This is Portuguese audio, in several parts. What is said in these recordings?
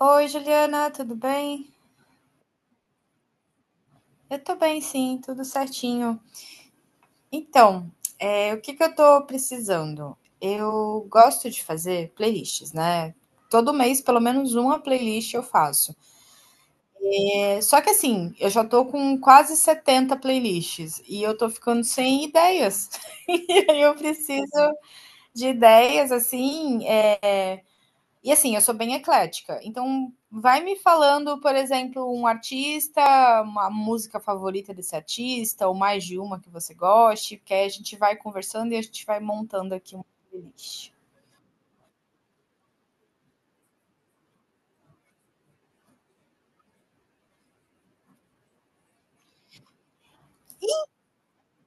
Oi, Juliana, tudo bem? Eu tô bem, sim, tudo certinho. Então, o que que eu tô precisando? Eu gosto de fazer playlists, né? Todo mês, pelo menos uma playlist eu faço. É, só que assim, eu já tô com quase 70 playlists e eu tô ficando sem ideias. E aí eu preciso de ideias, assim, e assim, eu sou bem eclética. Então, vai me falando, por exemplo, um artista, uma música favorita desse artista, ou mais de uma que você goste, porque aí a gente vai conversando e a gente vai montando aqui uma playlist.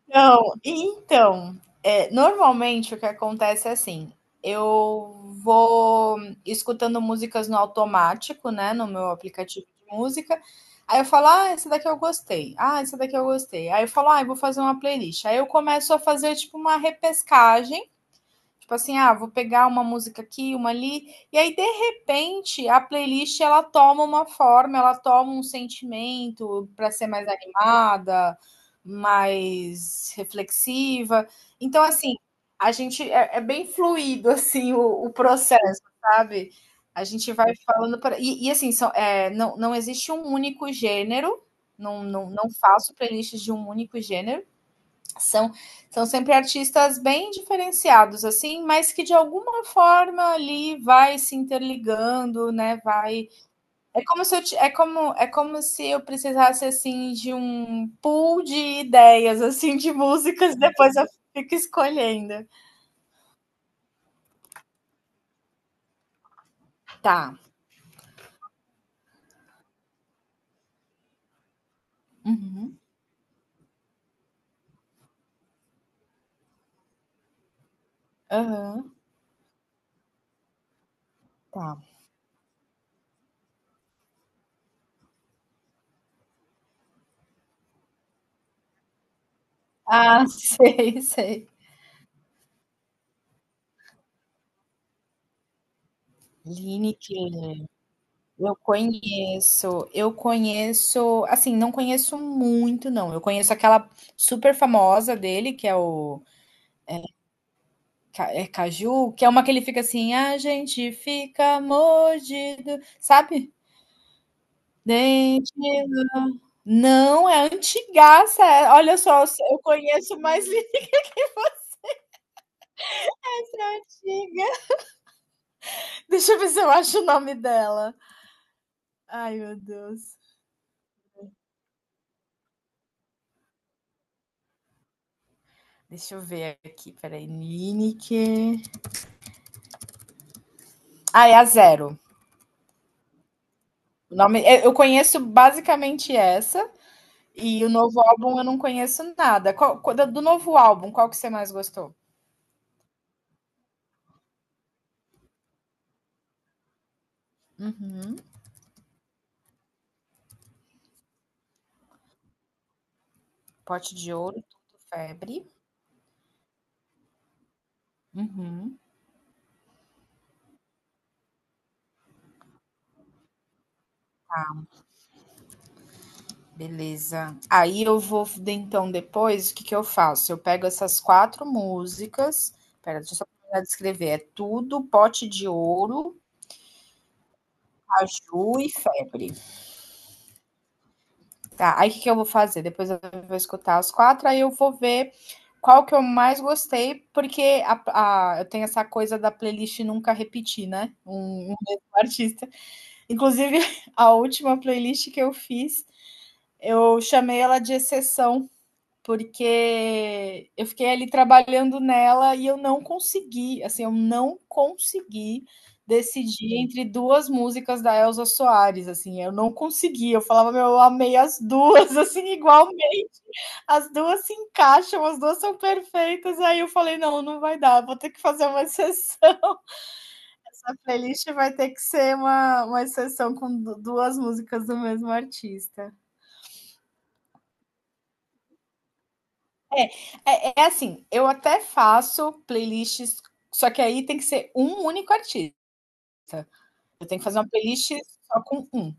Não, então, normalmente o que acontece é assim, eu vou escutando músicas no automático, né, no meu aplicativo de música, aí eu falo: "Ah, essa daqui eu gostei. Ah, essa daqui eu gostei". Aí eu falo: "Ai, vou fazer uma playlist". Aí eu começo a fazer, tipo, uma repescagem. Tipo assim, ah, vou pegar uma música aqui, uma ali, e aí de repente a playlist ela toma uma forma, ela toma um sentimento para ser mais animada, mais reflexiva. Então assim, a gente é bem fluido assim o processo, sabe? A gente vai falando e, assim são, não, não existe um único gênero, não, não, não faço playlists de um único gênero. São, são sempre artistas bem diferenciados, assim, mas que de alguma forma ali vai se interligando, né? Vai. É como se eu, é como se eu precisasse assim de um pool de ideias, assim, de músicas, depois eu fico escolhendo. Tá. Uhum. Aham. Tá. Ah, sei, sei. Lineker. Eu conheço, assim, não conheço muito não, eu conheço aquela super famosa dele que é o Ca é Caju, que é uma que ele fica assim: "A gente fica mordido", sabe? Dente não, é antigaça, olha só, eu conheço mais letra antiga. Deixa eu ver se eu acho o nome dela. Ai, meu Deus. Deixa eu ver aqui, peraí, aí, Nineker. Ah, é a Zero. O nome, eu conheço basicamente essa e o novo álbum eu não conheço nada. Do novo álbum, qual que você mais gostou? Uhum. Pote de Ouro, Tudo Febre. Uhum. Beleza. Aí eu vou, então, depois, o que que eu faço? Eu pego essas quatro músicas. Pera, deixa eu só terminar de escrever. É Tudo, Pote de Ouro, Caju e Febre. Tá, aí o que eu vou fazer? Depois eu vou escutar os quatro, aí eu vou ver qual que eu mais gostei, porque eu tenho essa coisa da playlist nunca repetir, né? Um mesmo artista. Inclusive, a última playlist que eu fiz, eu chamei ela de exceção, porque eu fiquei ali trabalhando nela e eu não consegui, assim, eu não consegui decidir entre duas músicas da Elza Soares, assim, eu não consegui, eu falava, meu, eu amei as duas, assim, igualmente, as duas se encaixam, as duas são perfeitas, aí eu falei, não, não vai dar, vou ter que fazer uma exceção, essa playlist vai ter que ser uma exceção com duas músicas do mesmo artista. É, é assim, eu até faço playlists, só que aí tem que ser um único artista. Eu tenho que fazer uma playlist só com um.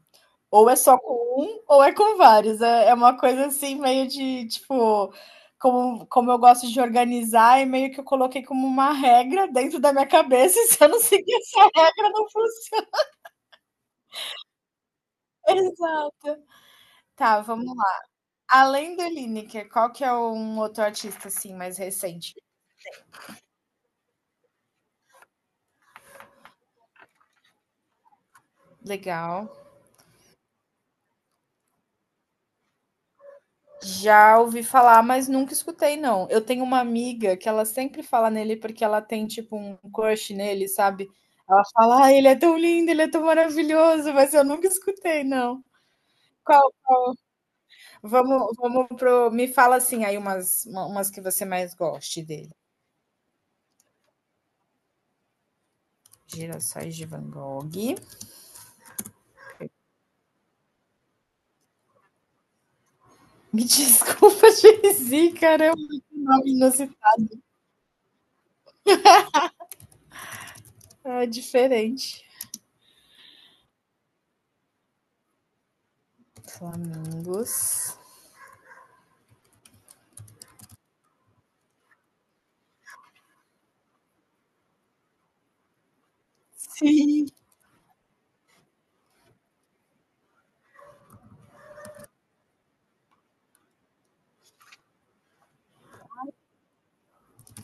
Ou é só com um, ou é com vários. É uma coisa assim, meio de tipo. Como eu gosto de organizar, e meio que eu coloquei como uma regra dentro da minha cabeça, e se eu não seguir essa regra, não funciona. Exato. Tá, vamos. Além do Lineker, qual que é um outro artista assim mais recente? Legal. Já ouvi falar, mas nunca escutei, não. Eu tenho uma amiga que ela sempre fala nele porque ela tem, tipo, um crush nele, sabe? Ela fala: "Ah, ele é tão lindo, ele é tão maravilhoso", mas eu nunca escutei, não. Qual vamos vamos pro me fala, assim, aí umas que você mais goste dele. Girassóis de Van Gogh. Me desculpa, Jay-Z, caramba, que nome inusitado, é diferente. Flamingos. Sim.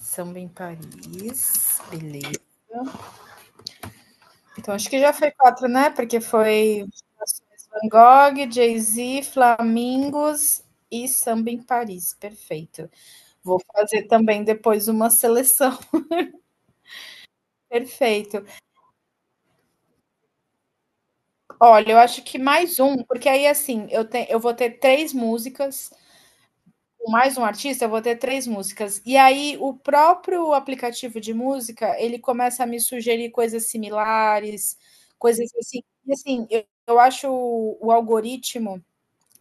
Samba em Paris. Beleza. Então, acho que já foi quatro, né? Porque foi Van Gogh, Jay-Z, Flamingos e Samba em Paris. Perfeito. Vou fazer também depois uma seleção. Perfeito. Olha, eu acho que mais um, porque aí assim, eu vou ter três músicas. Com mais um artista, eu vou ter três músicas. E aí, o próprio aplicativo de música, ele começa a me sugerir coisas similares, coisas assim. E assim, eu acho o algoritmo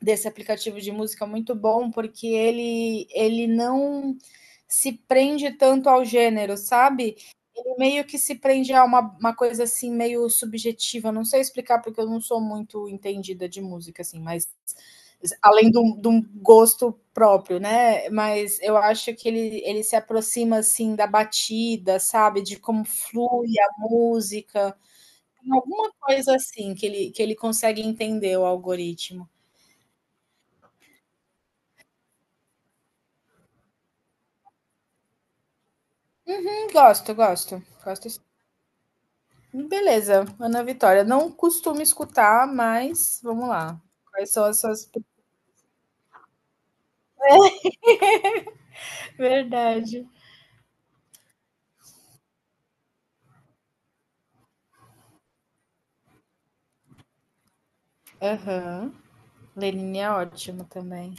desse aplicativo de música muito bom, porque ele não se prende tanto ao gênero, sabe? Ele meio que se prende a uma coisa assim, meio subjetiva. Não sei explicar, porque eu não sou muito entendida de música, assim, mas além de um gosto próprio, né? Mas eu acho que ele se aproxima assim da batida, sabe? De como flui a música. Alguma coisa assim que ele consegue entender o algoritmo. Gosto, gosto. Gosto. Beleza, Ana Vitória. Não costumo escutar, mas vamos lá. Quais são as suas. Verdade. Aham. Lenine é ótimo também.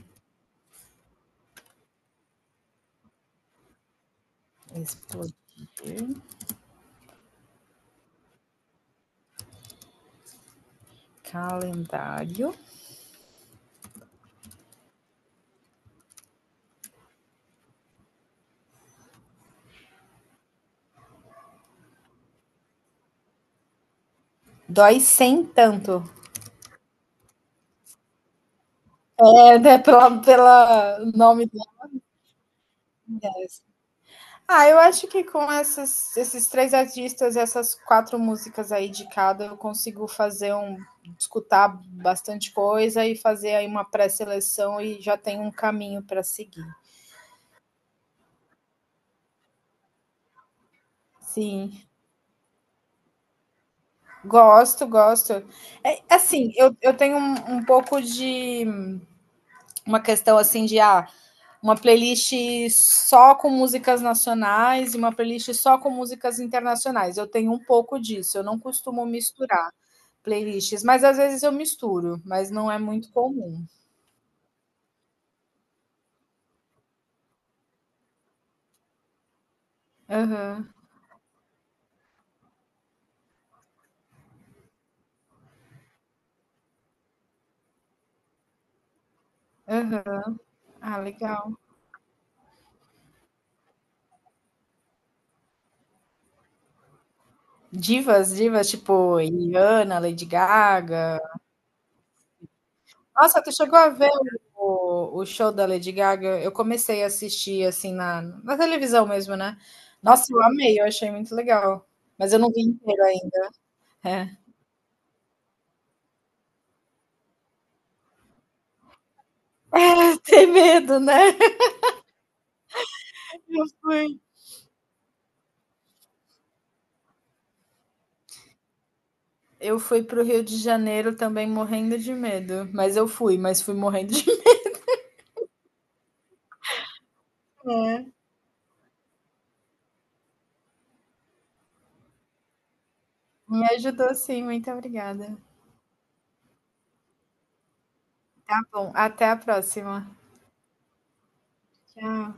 Explodir. Calendário. Dói sem tanto. É, né, pela nome do. Ah, eu acho que com esses três artistas, essas quatro músicas aí de cada, eu consigo fazer um. Escutar bastante coisa e fazer aí uma pré-seleção e já tem um caminho para seguir. Sim, gosto, gosto. É, assim, eu tenho um pouco de. Uma questão assim de uma playlist só com músicas nacionais e uma playlist só com músicas internacionais. Eu tenho um pouco disso, eu não costumo misturar playlists, mas às vezes eu misturo, mas não é muito comum. Aham, aham. Ah, legal. Divas, divas, tipo Rihanna, Lady Gaga. Nossa, tu chegou a ver o show da Lady Gaga? Eu comecei a assistir assim na televisão mesmo, né? Nossa, eu amei, eu achei muito legal. Mas eu não vi inteiro ainda. É. Tem medo, né? Eu fui. Eu fui pro Rio de Janeiro também morrendo de medo. Mas eu fui, mas fui morrendo de medo. É, me ajudou sim, muito obrigada. Tá bom, até a próxima. Tchau.